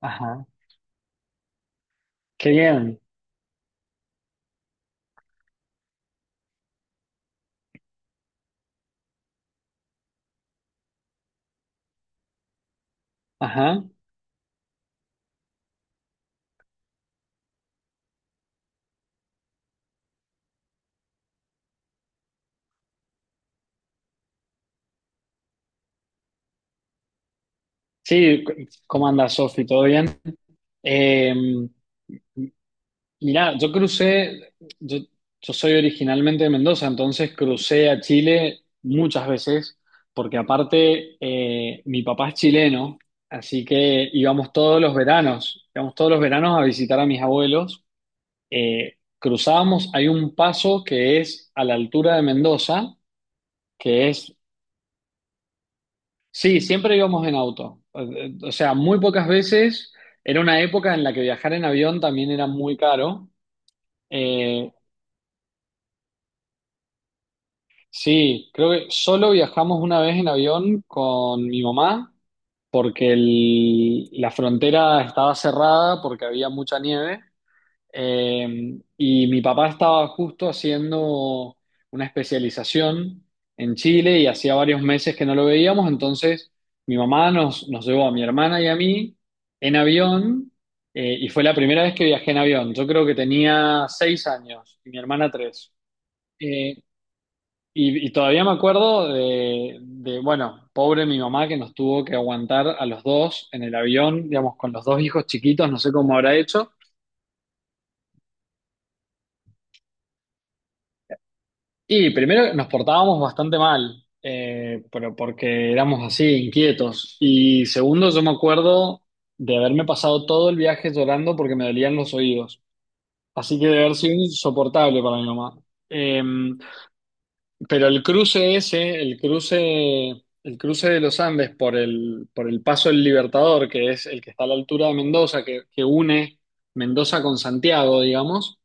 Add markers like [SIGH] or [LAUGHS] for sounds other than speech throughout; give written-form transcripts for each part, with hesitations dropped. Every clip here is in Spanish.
Ajá, qué bien. Ajá. Sí, cu- ¿Cómo andas, Sofi? ¿Todo bien? Eh, Mirá, yo, yo soy originalmente de Mendoza, entonces crucé a Chile muchas veces, porque aparte mi papá es chileno, así que íbamos todos los veranos, íbamos todos los veranos a visitar a mis abuelos. Cruzábamos, hay un paso que es a la altura de Mendoza, que es Sí, siempre íbamos en auto. O sea, muy pocas veces. Era una época en la que viajar en avión también era muy caro. Eh, sí, creo que solo viajamos una vez en avión con mi mamá porque la frontera estaba cerrada porque había mucha nieve. Y mi papá estaba justo haciendo una especialización en Chile y hacía varios meses que no lo veíamos, entonces mi mamá nos llevó a mi hermana y a mí en avión y fue la primera vez que viajé en avión. Yo creo que tenía 6 años y mi hermana tres. Eh, y, y todavía me acuerdo bueno, pobre mi mamá que nos tuvo que aguantar a los dos en el avión, digamos, con los dos hijos chiquitos, no sé cómo habrá hecho. Y primero nos portábamos bastante mal, pero porque éramos así, inquietos. Y segundo, yo me acuerdo de haberme pasado todo el viaje llorando porque me dolían los oídos. Así que debe haber sido insoportable para mi mamá. Eh, pero el cruce de los Andes por por el Paso del Libertador, que es el que está a la altura de Mendoza, que une Mendoza con Santiago, digamos.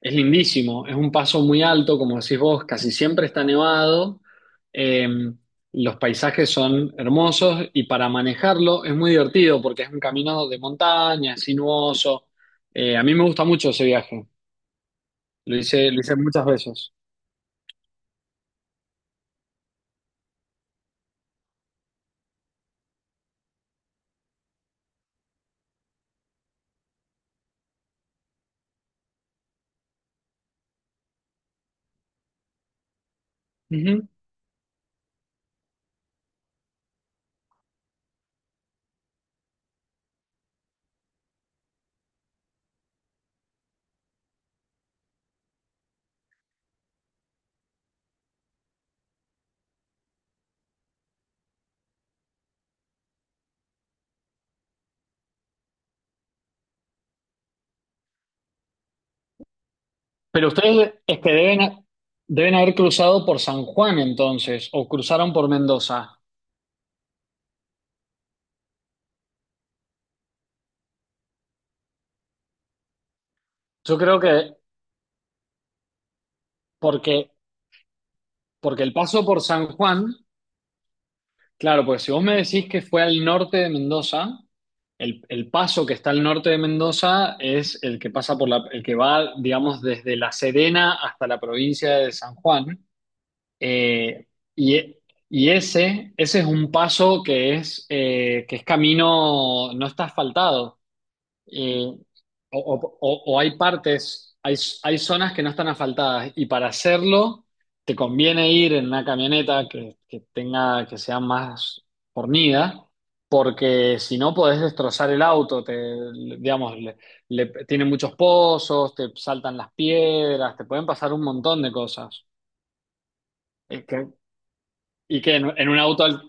Es lindísimo, es un paso muy alto, como decís vos, casi siempre está nevado, eh, los paisajes son hermosos y para manejarlo es muy divertido porque es un camino de montaña, es sinuoso. A mí me gusta mucho ese viaje, lo hice muchas veces. Ujú. Pero ustedes es que deben haber cruzado por San Juan entonces, o cruzaron por Mendoza. Yo creo que porque, porque el paso por San Juan. Claro, porque si vos me decís que fue al norte de Mendoza, el paso que está al norte de Mendoza es el que pasa por el que va, digamos, desde La Serena hasta la provincia de San Juan. Eh, y, e- y ese, ese es un paso que es camino, no está asfaltado. Y, o hay partes, hay zonas que no están asfaltadas y para hacerlo te conviene ir en una camioneta que tenga, que sea más fornida, porque si no podés destrozar el auto, te, digamos, tiene muchos pozos, te saltan las piedras, te pueden pasar un montón de cosas. Es que- ¿Y que en un auto,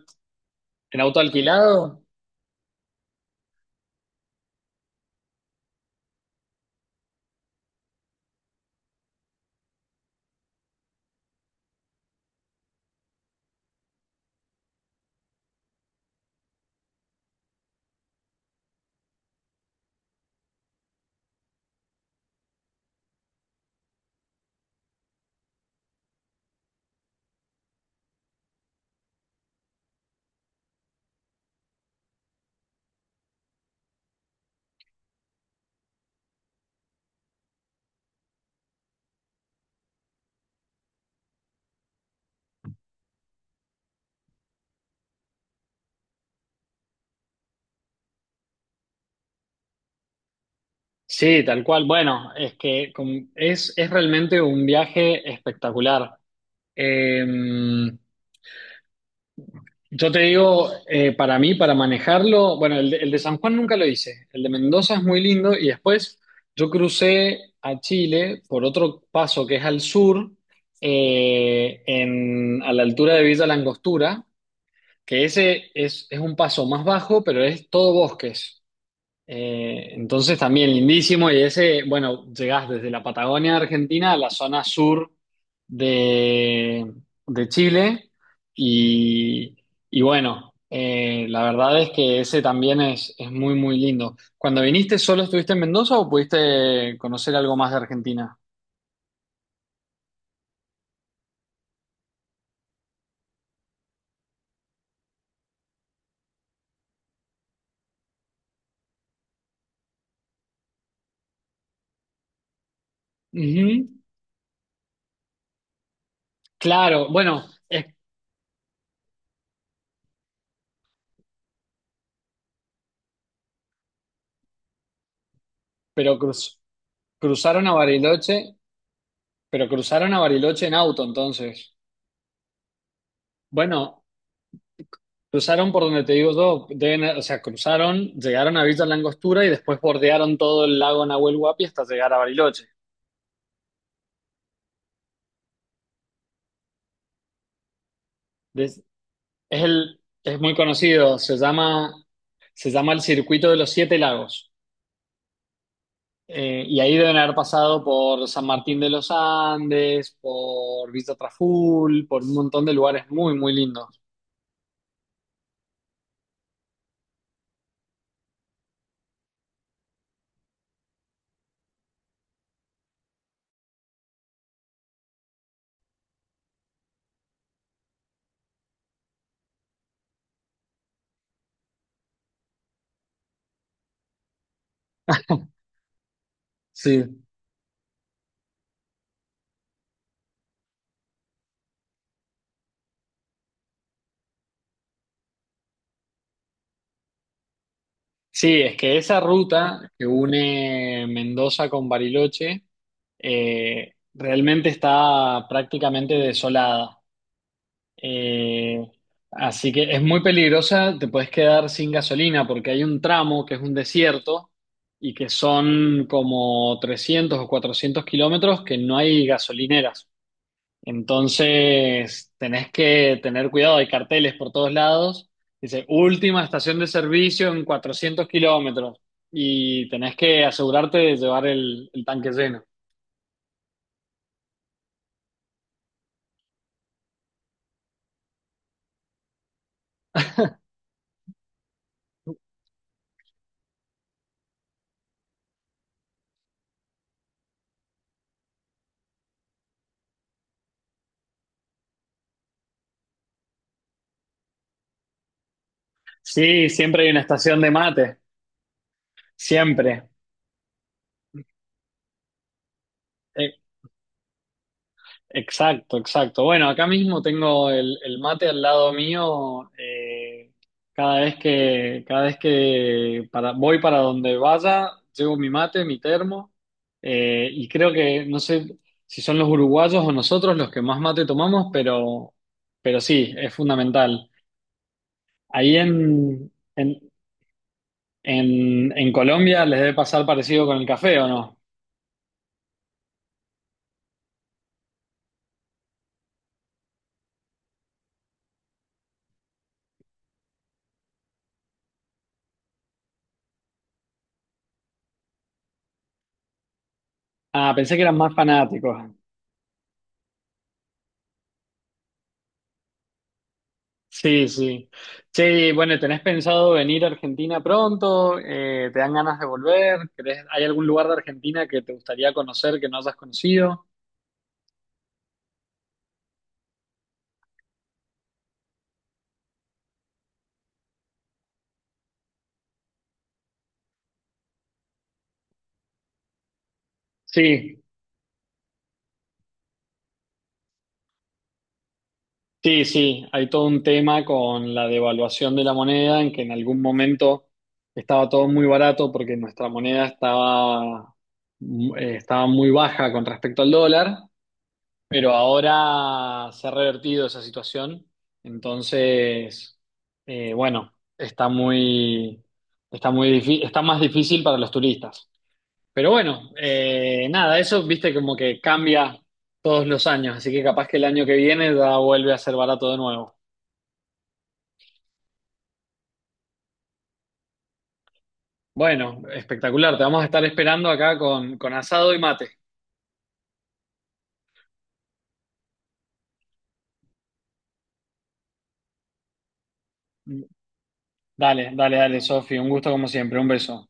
en auto alquilado? Sí, tal cual. Bueno, es realmente un viaje espectacular. Eh, yo te digo, para mí, para manejarlo, bueno, el de San Juan nunca lo hice, el de Mendoza es muy lindo y después yo crucé a Chile por otro paso que es al sur, a la altura de Villa Langostura, que ese es un paso más bajo, pero es todo bosques. Entonces también lindísimo y ese, bueno, llegás desde la Patagonia Argentina a la zona sur de, de Chile y, y bueno, la verdad es que ese también es muy, muy lindo. Cuando viniste, ¿solo estuviste en Mendoza o pudiste conocer algo más de Argentina? Ujú, claro, bueno, pero cruz- cruzaron a Bariloche, pero cruzaron a Bariloche en auto entonces. Bueno. Cruzaron por donde te digo yo, o sea, cruzaron, llegaron a Villa Langostura y después bordearon todo el lago Nahuel Huapi hasta llegar a Bariloche. Des- Es, es muy conocido, se llama el Circuito de los Siete Lagos. Y ahí deben haber pasado por San Martín de los Andes, por Villa Traful, por un montón de lugares muy, muy lindos. [LAUGHS] Sí. Sí, es que esa ruta que une Mendoza con Bariloche realmente está prácticamente desolada. Eh, Así que es muy peligrosa, te puedes quedar sin gasolina porque hay un tramo que es un desierto y que son como 300 o 400 kilómetros que no hay gasolineras. Entonces, tenés que tener cuidado, hay carteles por todos lados. Dice, última estación de servicio en 400 kilómetros y tenés que asegurarte de llevar el tanque lleno. Sí, siempre hay una estación de mate, siempre. Eh, Exacto, exacto. Bueno, acá mismo tengo el mate al lado mío. Cada vez que, voy para donde vaya, llevo mi mate, mi termo. Y creo que, no sé si son los uruguayos o nosotros los que más mate tomamos, pero sí, es fundamental. Ahí en, en Colombia les debe pasar parecido con el café, ¿o no? Ah, pensé que eran más fanáticos. Sí, sí. Sí, bueno, ¿tenés pensado venir a Argentina pronto? ¿Te dan ganas de volver? ¿Querés- ¿Hay algún lugar de Argentina que te gustaría conocer que no hayas conocido? Sí, sí, sí. Hay todo un tema con la devaluación de la moneda, en que en algún momento estaba todo muy barato porque nuestra moneda estaba, estaba muy baja con respecto al dólar. Pero ahora se ha revertido esa situación, entonces, bueno, está más difícil para los turistas. Pero bueno, nada, eso viste como que cambia todos los años, así que capaz que el año que viene ya vuelve a ser barato de nuevo. Bueno, espectacular, te vamos a estar esperando acá con asado y mate. Dale, dale, dale, Sofi, un gusto como siempre, un beso.